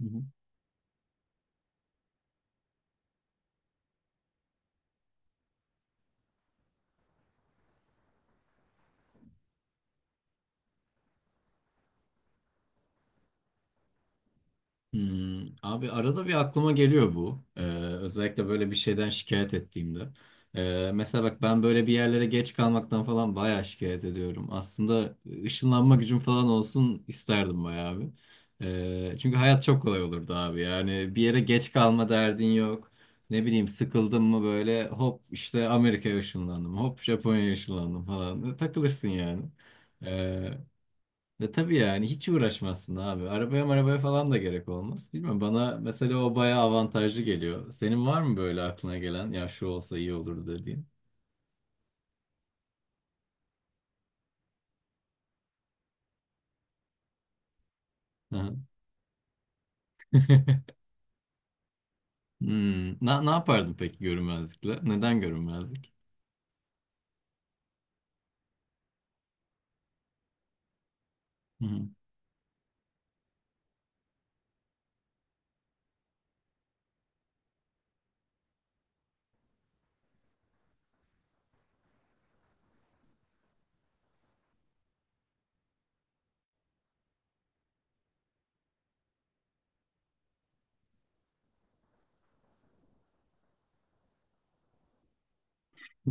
Hı hı. Abi arada bir aklıma geliyor bu. Özellikle böyle bir şeyden şikayet ettiğimde. Mesela bak ben böyle bir yerlere geç kalmaktan falan bayağı şikayet ediyorum. Aslında ışınlanma gücüm falan olsun isterdim bayağı abi. Çünkü hayat çok kolay olurdu abi. Yani bir yere geç kalma derdin yok. Ne bileyim sıkıldım mı böyle hop işte Amerika'ya ışınlandım. Hop Japonya'ya ışınlandım falan. Takılırsın yani. Ee, Ya tabii yani hiç uğraşmazsın abi. Arabaya marabaya falan da gerek olmaz. Bilmiyorum bana mesela o bayağı avantajlı geliyor. Senin var mı böyle aklına gelen ya şu olsa iyi olur dediğin? Hı hı. Hmm. Ne yapardın peki görünmezlikle? Neden görünmezlik? Hı hı.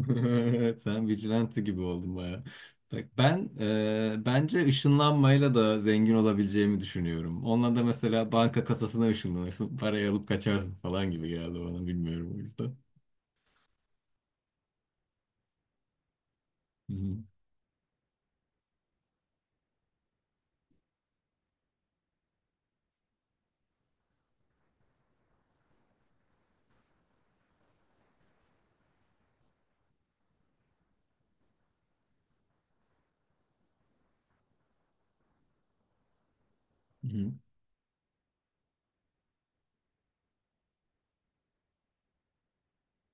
Sen vigilante gibi oldun baya. Bak ben, bence ışınlanmayla da zengin olabileceğimi düşünüyorum. Onunla da mesela banka kasasına ışınlanırsın, parayı alıp kaçarsın falan gibi geldi bana, bilmiyorum o yüzden. Hı hı. Hı hı.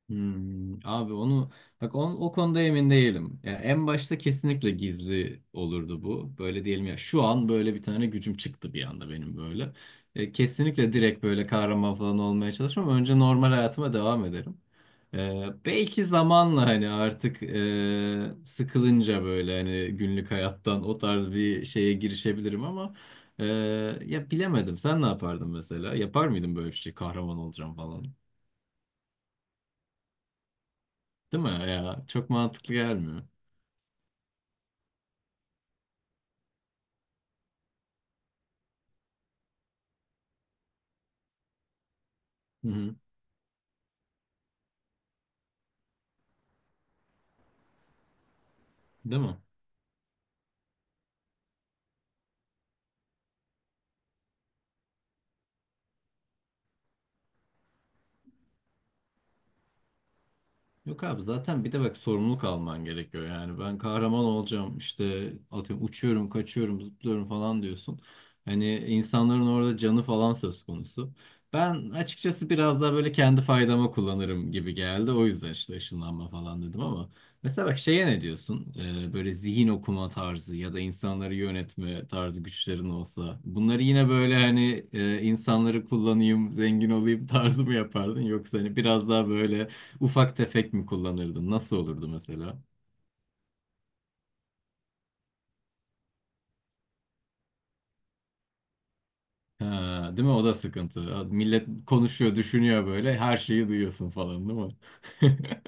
Abi onu bak, o konuda emin değilim. Ya en başta kesinlikle gizli olurdu bu. Böyle diyelim ya şu an böyle bir tane gücüm çıktı bir anda benim böyle. Kesinlikle direkt böyle kahraman falan olmaya çalışmam. Önce normal hayatıma devam ederim. Belki zamanla hani artık, sıkılınca böyle hani günlük hayattan o tarz bir şeye girişebilirim ama e, ya bilemedim. Sen ne yapardın mesela? Yapar mıydın böyle bir şey? Kahraman olacağım falan. Değil mi ya? Çok mantıklı gelmiyor. Hı hı. Değil mi? Yok abi, zaten bir de bak sorumluluk alman gerekiyor. Yani ben kahraman olacağım işte, atıyorum uçuyorum, kaçıyorum, zıplıyorum falan diyorsun. Hani insanların orada canı falan söz konusu. Ben açıkçası biraz daha böyle kendi faydama kullanırım gibi geldi. O yüzden işte ışınlanma falan dedim, ama mesela bak şeye ne diyorsun? Böyle zihin okuma tarzı ya da insanları yönetme tarzı güçlerin olsa. Bunları yine böyle hani, insanları kullanayım, zengin olayım tarzı mı yapardın? Yoksa hani biraz daha böyle ufak tefek mi kullanırdın? Nasıl olurdu mesela? Ha, değil mi? O da sıkıntı. Millet konuşuyor, düşünüyor böyle. Her şeyi duyuyorsun falan, değil mi?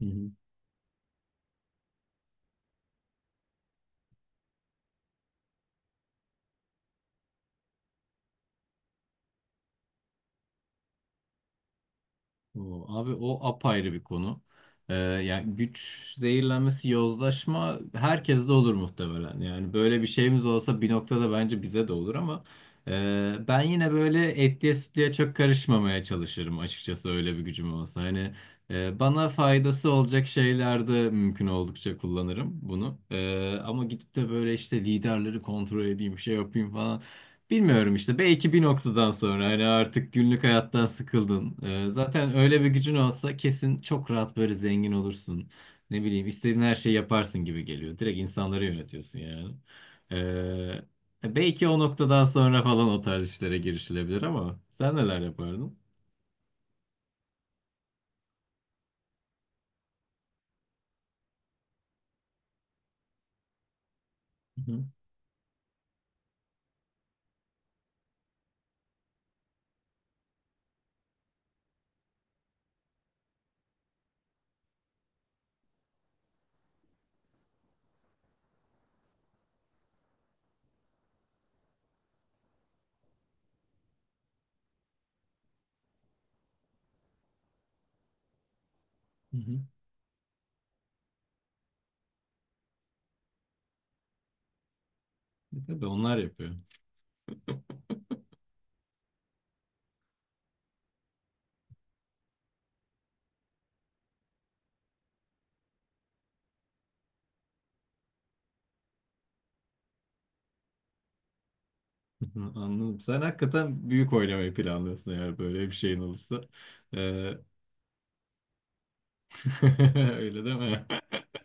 Hı hı. O, abi o apayrı bir konu. Yani güç zehirlenmesi, yozlaşma herkeste olur muhtemelen. Yani böyle bir şeyimiz olsa bir noktada bence bize de olur ama ben yine böyle etliye sütlüye çok karışmamaya çalışırım açıkçası öyle bir gücüm olsa. Hani bana faydası olacak şeylerde mümkün oldukça kullanırım bunu. Ama gidip de böyle işte liderleri kontrol edeyim, şey yapayım falan. Bilmiyorum işte, belki bir noktadan sonra hani artık günlük hayattan sıkıldın. Zaten öyle bir gücün olsa kesin çok rahat böyle zengin olursun. Ne bileyim, istediğin her şeyi yaparsın gibi geliyor. Direkt insanları yönetiyorsun yani. Belki o noktadan sonra falan o tarz işlere girişilebilir ama sen neler yapardın? Hı hı. Hı hı. Tabii onlar yapıyor. Hı hı, anladım. Sen hakikaten büyük oynamayı planlıyorsun eğer böyle bir şeyin olursa. Ee, Öyle değil mi?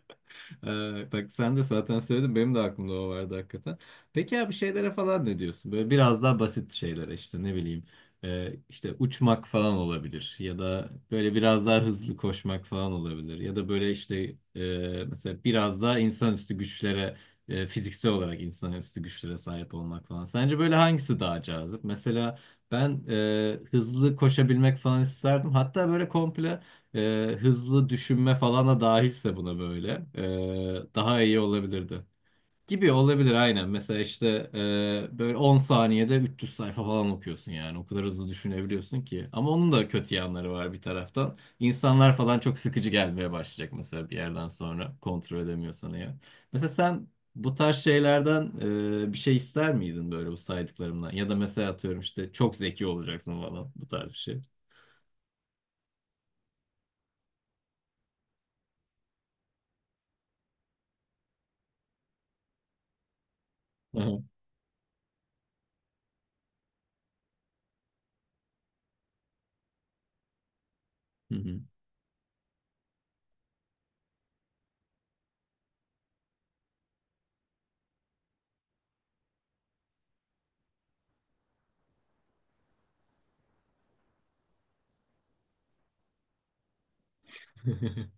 Bak sen de zaten söyledin, benim de aklımda o vardı hakikaten. Peki ya bir şeylere falan ne diyorsun? Böyle biraz daha basit şeylere, işte ne bileyim, işte uçmak falan olabilir, ya da böyle biraz daha hızlı koşmak falan olabilir, ya da böyle işte, mesela biraz daha insanüstü güçlere, fiziksel olarak insanüstü güçlere sahip olmak falan. Sence böyle hangisi daha cazip? Mesela ben, hızlı koşabilmek falan isterdim. Hatta böyle komple hızlı düşünme falan da dahilse buna böyle, daha iyi olabilirdi. Gibi olabilir aynen. Mesela işte, böyle 10 saniyede 300 sayfa falan okuyorsun yani. O kadar hızlı düşünebiliyorsun ki. Ama onun da kötü yanları var bir taraftan. İnsanlar falan çok sıkıcı gelmeye başlayacak mesela bir yerden sonra. Kontrol edemiyorsan eğer. Mesela sen bu tarz şeylerden, bir şey ister miydin böyle bu saydıklarımdan? Ya da mesela atıyorum işte çok zeki olacaksın falan, bu tarz bir şey. Aha. Hı hı.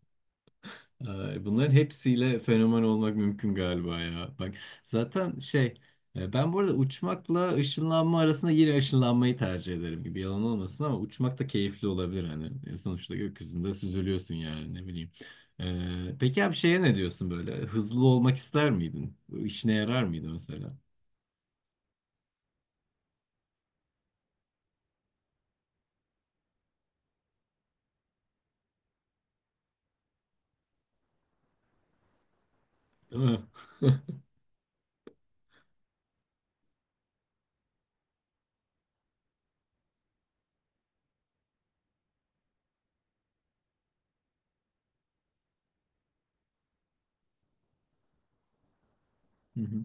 Bunların hepsiyle fenomen olmak mümkün galiba ya. Bak zaten şey, ben bu arada uçmakla ışınlanma arasında yine ışınlanmayı tercih ederim gibi, yalan olmasın, ama uçmak da keyifli olabilir hani. Sonuçta gökyüzünde süzülüyorsun yani, ne bileyim. Peki abi şeye ne diyorsun, böyle hızlı olmak ister miydin? Bu İşine yarar mıydı mesela? Değil mi? Hı hı,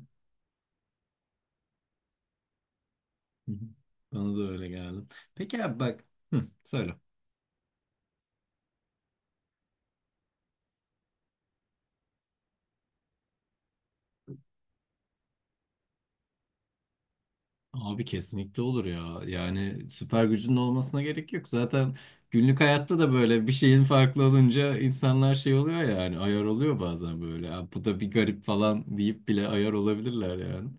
hı hı. Bana da öyle geldi. Peki abi bak, hı, söyle. Abi kesinlikle olur ya. Yani süper gücünün olmasına gerek yok. Zaten günlük hayatta da böyle bir şeyin farklı olunca insanlar şey oluyor, yani ayar oluyor bazen böyle. "Ya bu da bir garip" falan deyip bile ayar olabilirler yani.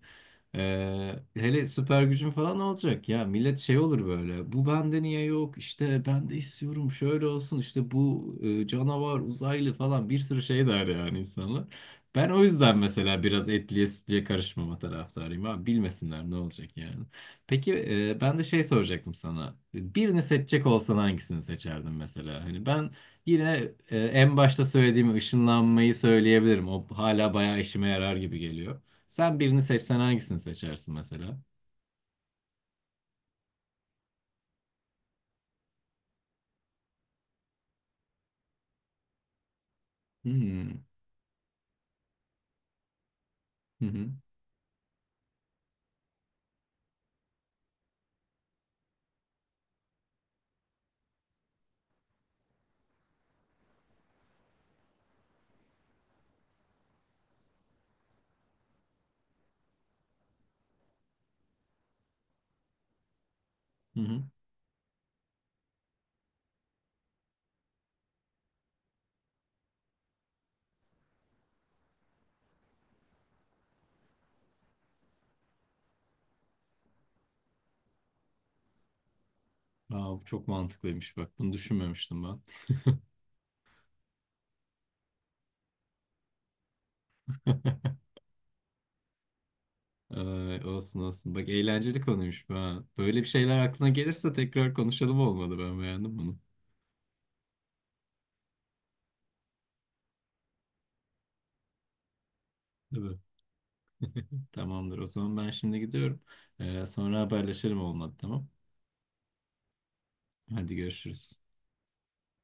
Hele süper gücün falan olacak, ya millet şey olur böyle, bu bende niye yok, işte ben de istiyorum şöyle olsun, işte bu, canavar uzaylı falan bir sürü şey der yani insanlar. Ben o yüzden mesela biraz etliye sütlüye karışmama taraftarıyım abi. Bilmesinler, ne olacak yani. Peki ben de şey soracaktım sana. Birini seçecek olsan hangisini seçerdin mesela? Hani ben yine en başta söylediğim ışınlanmayı söyleyebilirim. O hala bayağı işime yarar gibi geliyor. Sen birini seçsen hangisini seçersin mesela? Hmm. Hı hı. Hı hı. Aa, bu çok mantıklıymış bak. Bunu düşünmemiştim ben. Ay, olsun olsun. Bak eğlenceli konuymuş bu ha. Böyle bir şeyler aklına gelirse tekrar konuşalım, olmalı. Ben beğendim bunu. Değil mi? Tamamdır. O zaman ben şimdi gidiyorum. Sonra haberleşelim, olmadı tamam. Hadi görüşürüz.